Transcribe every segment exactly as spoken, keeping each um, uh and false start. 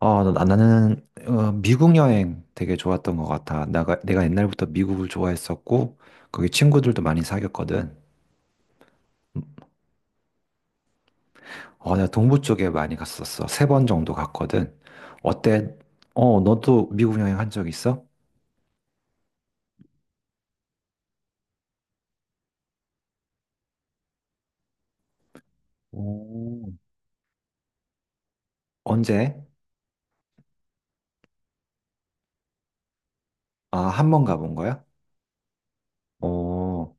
어, 나- 나는 어, 미국 여행 되게 좋았던 것 같아. 내가, 내가 옛날부터 미국을 좋아했었고, 거기 친구들도 많이 사귀었거든. 어, 내가 동부 쪽에 많이 갔었어. 세 번 정도 갔거든. 어때? 어, 너도 미국 여행 한 적 있어? 오, 언제? 아, 한 번 가본 거야? 어,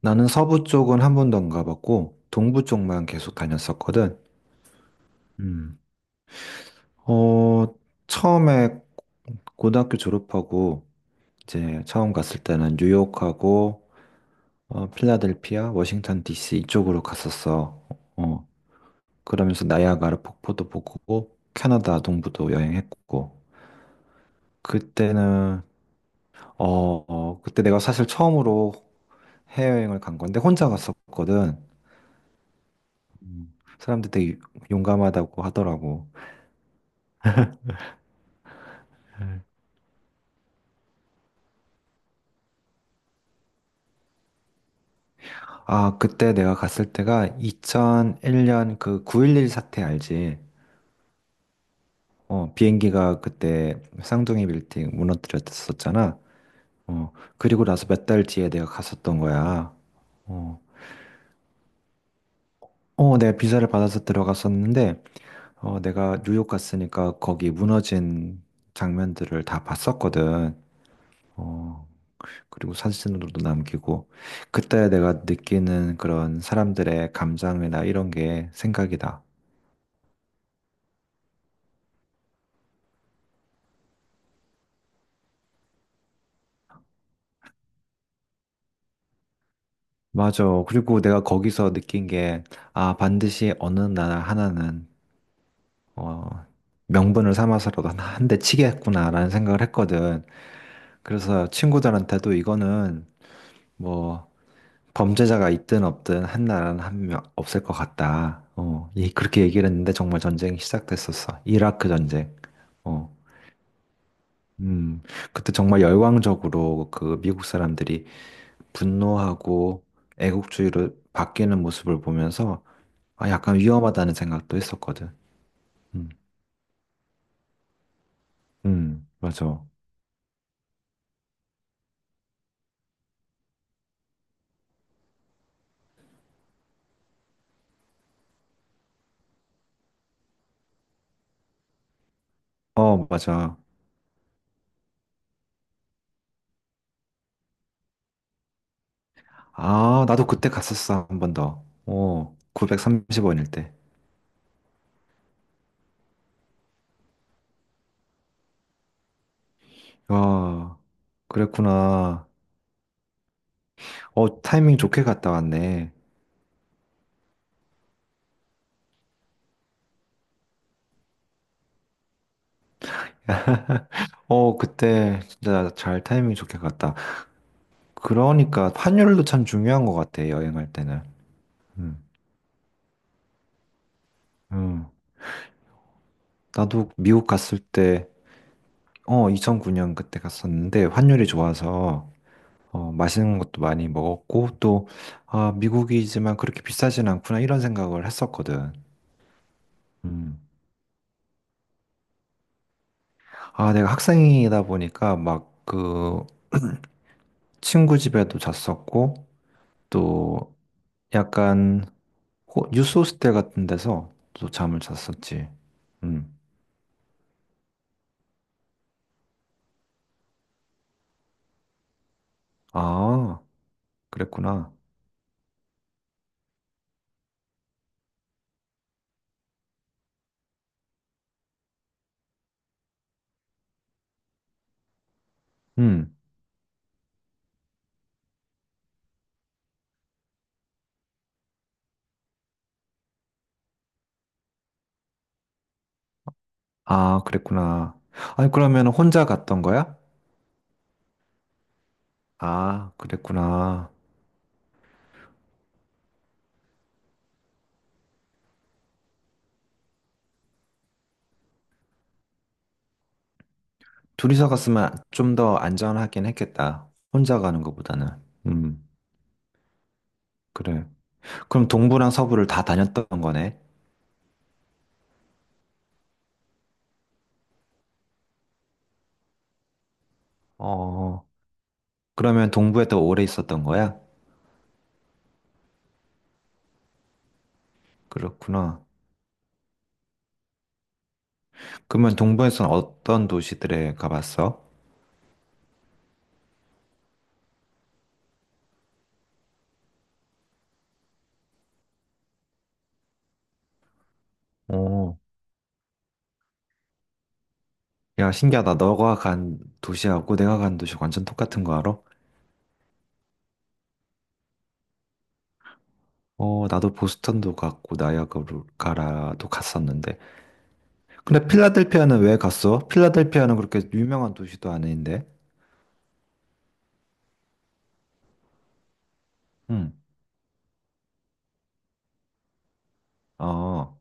나는 서부 쪽은 한 번도 안 가봤고, 동부 쪽만 계속 다녔었거든. 음, 어, 처음에 고등학교 졸업하고 이제 처음 갔을 때는 뉴욕하고 어, 필라델피아, 워싱턴 디씨 이쪽으로 갔었어. 어, 그러면서 나이아가라 폭포도 보고 캐나다 동부도 여행했고 그때는 어, 어, 그때 내가 사실 처음으로 해외여행을 간 건데 혼자 갔었거든. 음, 사람들 되게 용감하다고 하더라고. 음. 아, 그때 내가 갔을 때가 이천일 년 그 구일일 사태 알지? 어, 비행기가 그때 쌍둥이 빌딩 무너뜨렸었잖아. 어, 그리고 나서 몇 달 뒤에 내가 갔었던 거야. 어, 어, 내가 비자를 받아서 들어갔었는데, 어, 내가 뉴욕 갔으니까 거기 무너진 장면들을 다 봤었거든. 어, 그리고 사진으로도 남기고, 그때 내가 느끼는 그런 사람들의 감정이나 이런 게 생각이다. 맞아. 그리고 내가 거기서 느낀 게, 아, 반드시 어느 날 하나는, 어, 명분을 삼아서라도 한 대 치겠구나라는 생각을 했거든. 그래서 친구들한테도 이거는 뭐 범죄자가 있든 없든 한 나라는 한 명 없을 것 같다. 어, 이- 그렇게 얘기를 했는데 정말 전쟁이 시작됐었어. 이라크 전쟁. 어, 음, 그때 정말 열광적으로 그 미국 사람들이 분노하고 애국주의로 바뀌는 모습을 보면서 아, 약간 위험하다는 생각도 했었거든. 음, 음, 맞아. 어, 맞아. 아, 나도 그때 갔었어. 한 번 더. 어, 구백삼십 원일 때. 아, 그랬구나. 어, 타이밍 좋게 갔다 왔네. 어, 그때 진짜 잘 타이밍 좋게 갔다. 그러니까 환율도 참 중요한 것 같아, 여행할 때는. 음, 음. 나도 미국 갔을 때, 어, 이천구 년 그때 갔었는데 환율이 좋아서 어, 맛있는 것도 많이 먹었고 또, 아, 미국이지만 그렇게 비싸진 않구나 이런 생각을 했었거든. 음. 아, 내가 학생이다 보니까 막 그 친구 집에도 잤었고 또 약간 호- 뉴스 호스텔 같은 데서 또 잠을 잤었지. 음. 아, 그랬구나. 음. 아, 그랬구나. 아니, 그러면 혼자 갔던 거야? 아, 그랬구나. 둘이서 갔으면 좀 더 안전하긴 했겠다. 혼자 가는 것보다는. 음, 그래. 그럼 동부랑 서부를 다 다녔던 거네? 어, 그러면 동부에 더 오래 있었던 거야? 그렇구나. 그러면 동부에서는 어떤 도시들에 가봤어? 어. 야, 신기하다. 너가 간 도시하고 내가 간 도시 완전 똑같은 거 알아? 어, 나도 보스턴도 갔고 나이아가라도 갔었는데. 근데 필라델피아는 왜 갔어? 필라델피아는 그렇게 유명한 도시도 아닌데. 응. 어,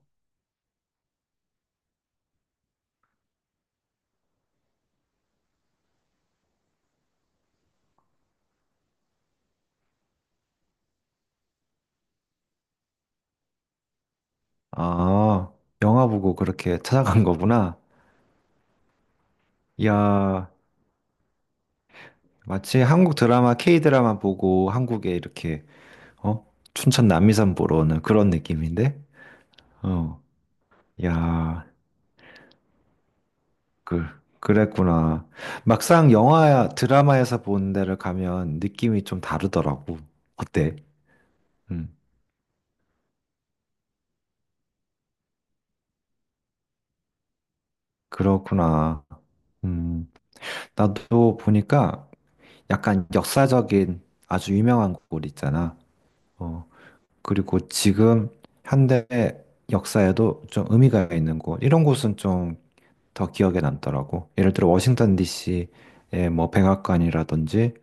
아, 영화 보고 그렇게 찾아간 거구나. 야, 마치 한국 드라마, K 드라마 보고 한국에 이렇게, 어? 춘천 남이섬 보러 오는 그런 느낌인데? 어, 야. 그, 그랬구나. 막상 영화, 드라마에서 본 데를 가면 느낌이 좀 다르더라고. 어때? 음, 그렇구나. 음, 나도 보니까 약간 역사적인 아주 유명한 곳 있잖아. 어, 그리고 지금 현대 역사에도 좀 의미가 있는 곳. 이런 곳은 좀 더 기억에 남더라고. 예를 들어 워싱턴 디씨의 뭐 백악관이라든지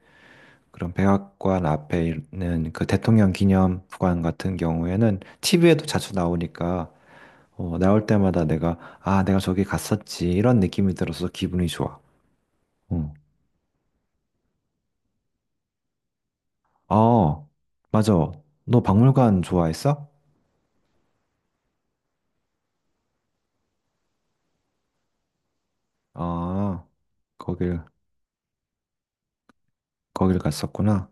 그런 백악관 앞에 있는 그 대통령 기념관 같은 경우에는 티비에도 자주 나오니까 어, 나올 때마다 내가 아 내가 저기 갔었지 이런 느낌이 들어서 기분이 좋아. 응. 어, 아, 맞아. 너 박물관 좋아했어? 아, 거길 거길 갔었구나.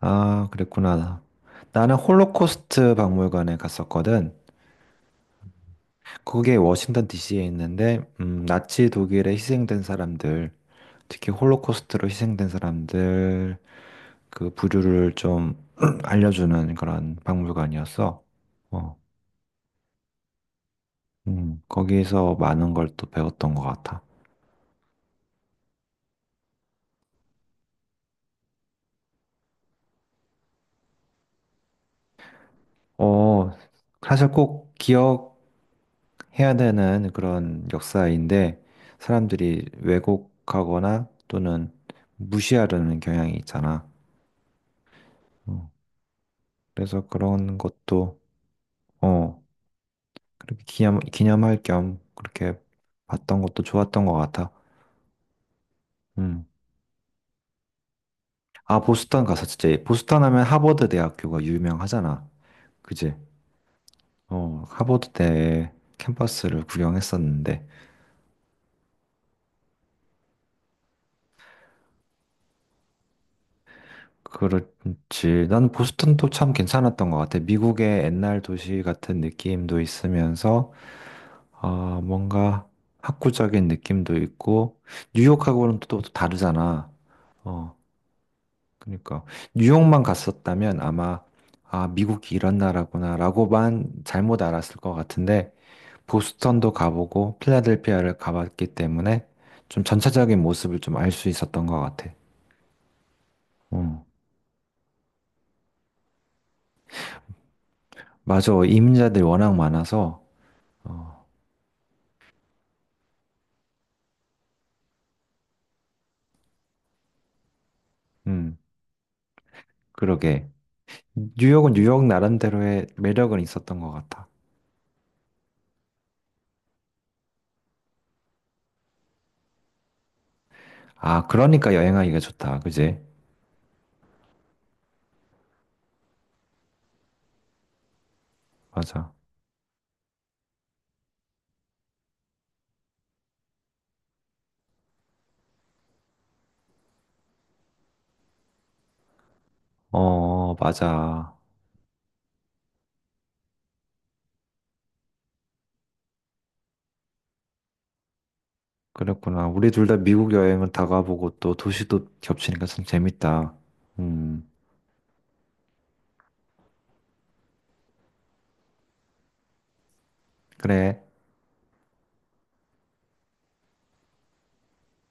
아, 그랬구나. 나는 홀로코스트 박물관에 갔었거든. 그게 워싱턴 디씨에 있는데 음, 나치 독일에 희생된 사람들, 특히 홀로코스트로 희생된 사람들 그 부류를 좀 알려주는 그런 박물관이었어. 어, 음, 거기에서 많은 걸 또 배웠던 것 같아. 어, 사실 꼭 기억해야 되는 그런 역사인데 사람들이 왜곡하거나 또는 무시하려는 경향이 있잖아. 어, 그래서 그런 것도 어, 그렇게 기념, 기념할 겸 그렇게 봤던 것도 좋았던 것 같아. 음. 아, 보스턴 가서 진짜, 보스턴 하면 하버드 대학교가 유명하잖아. 그지? 어, 하버드 대 캠퍼스를 구경했었는데. 그렇지. 난 보스턴도 참 괜찮았던 것 같아. 미국의 옛날 도시 같은 느낌도 있으면서, 아, 뭔가 학구적인 느낌도 있고, 뉴욕하고는 또, 또 다르잖아. 어, 그러니까 뉴욕만 갔었다면 아마 아 미국이 이런 나라구나라고만 잘못 알았을 것 같은데 보스턴도 가보고 필라델피아를 가봤기 때문에 좀 전체적인 모습을 좀 알 수 있었던 것 같아. 어, 맞아. 이민자들이 워낙 많아서 어, 음, 그러게. 뉴욕은 뉴욕 나름대로의 매력은 있었던 것 같아. 아, 그러니까 여행하기가 좋다. 그지? 맞아. 어, 맞아. 그랬구나. 우리 둘 다 미국 여행은 다 가보고 또 도시도 겹치니까 참 재밌다. 음, 그래.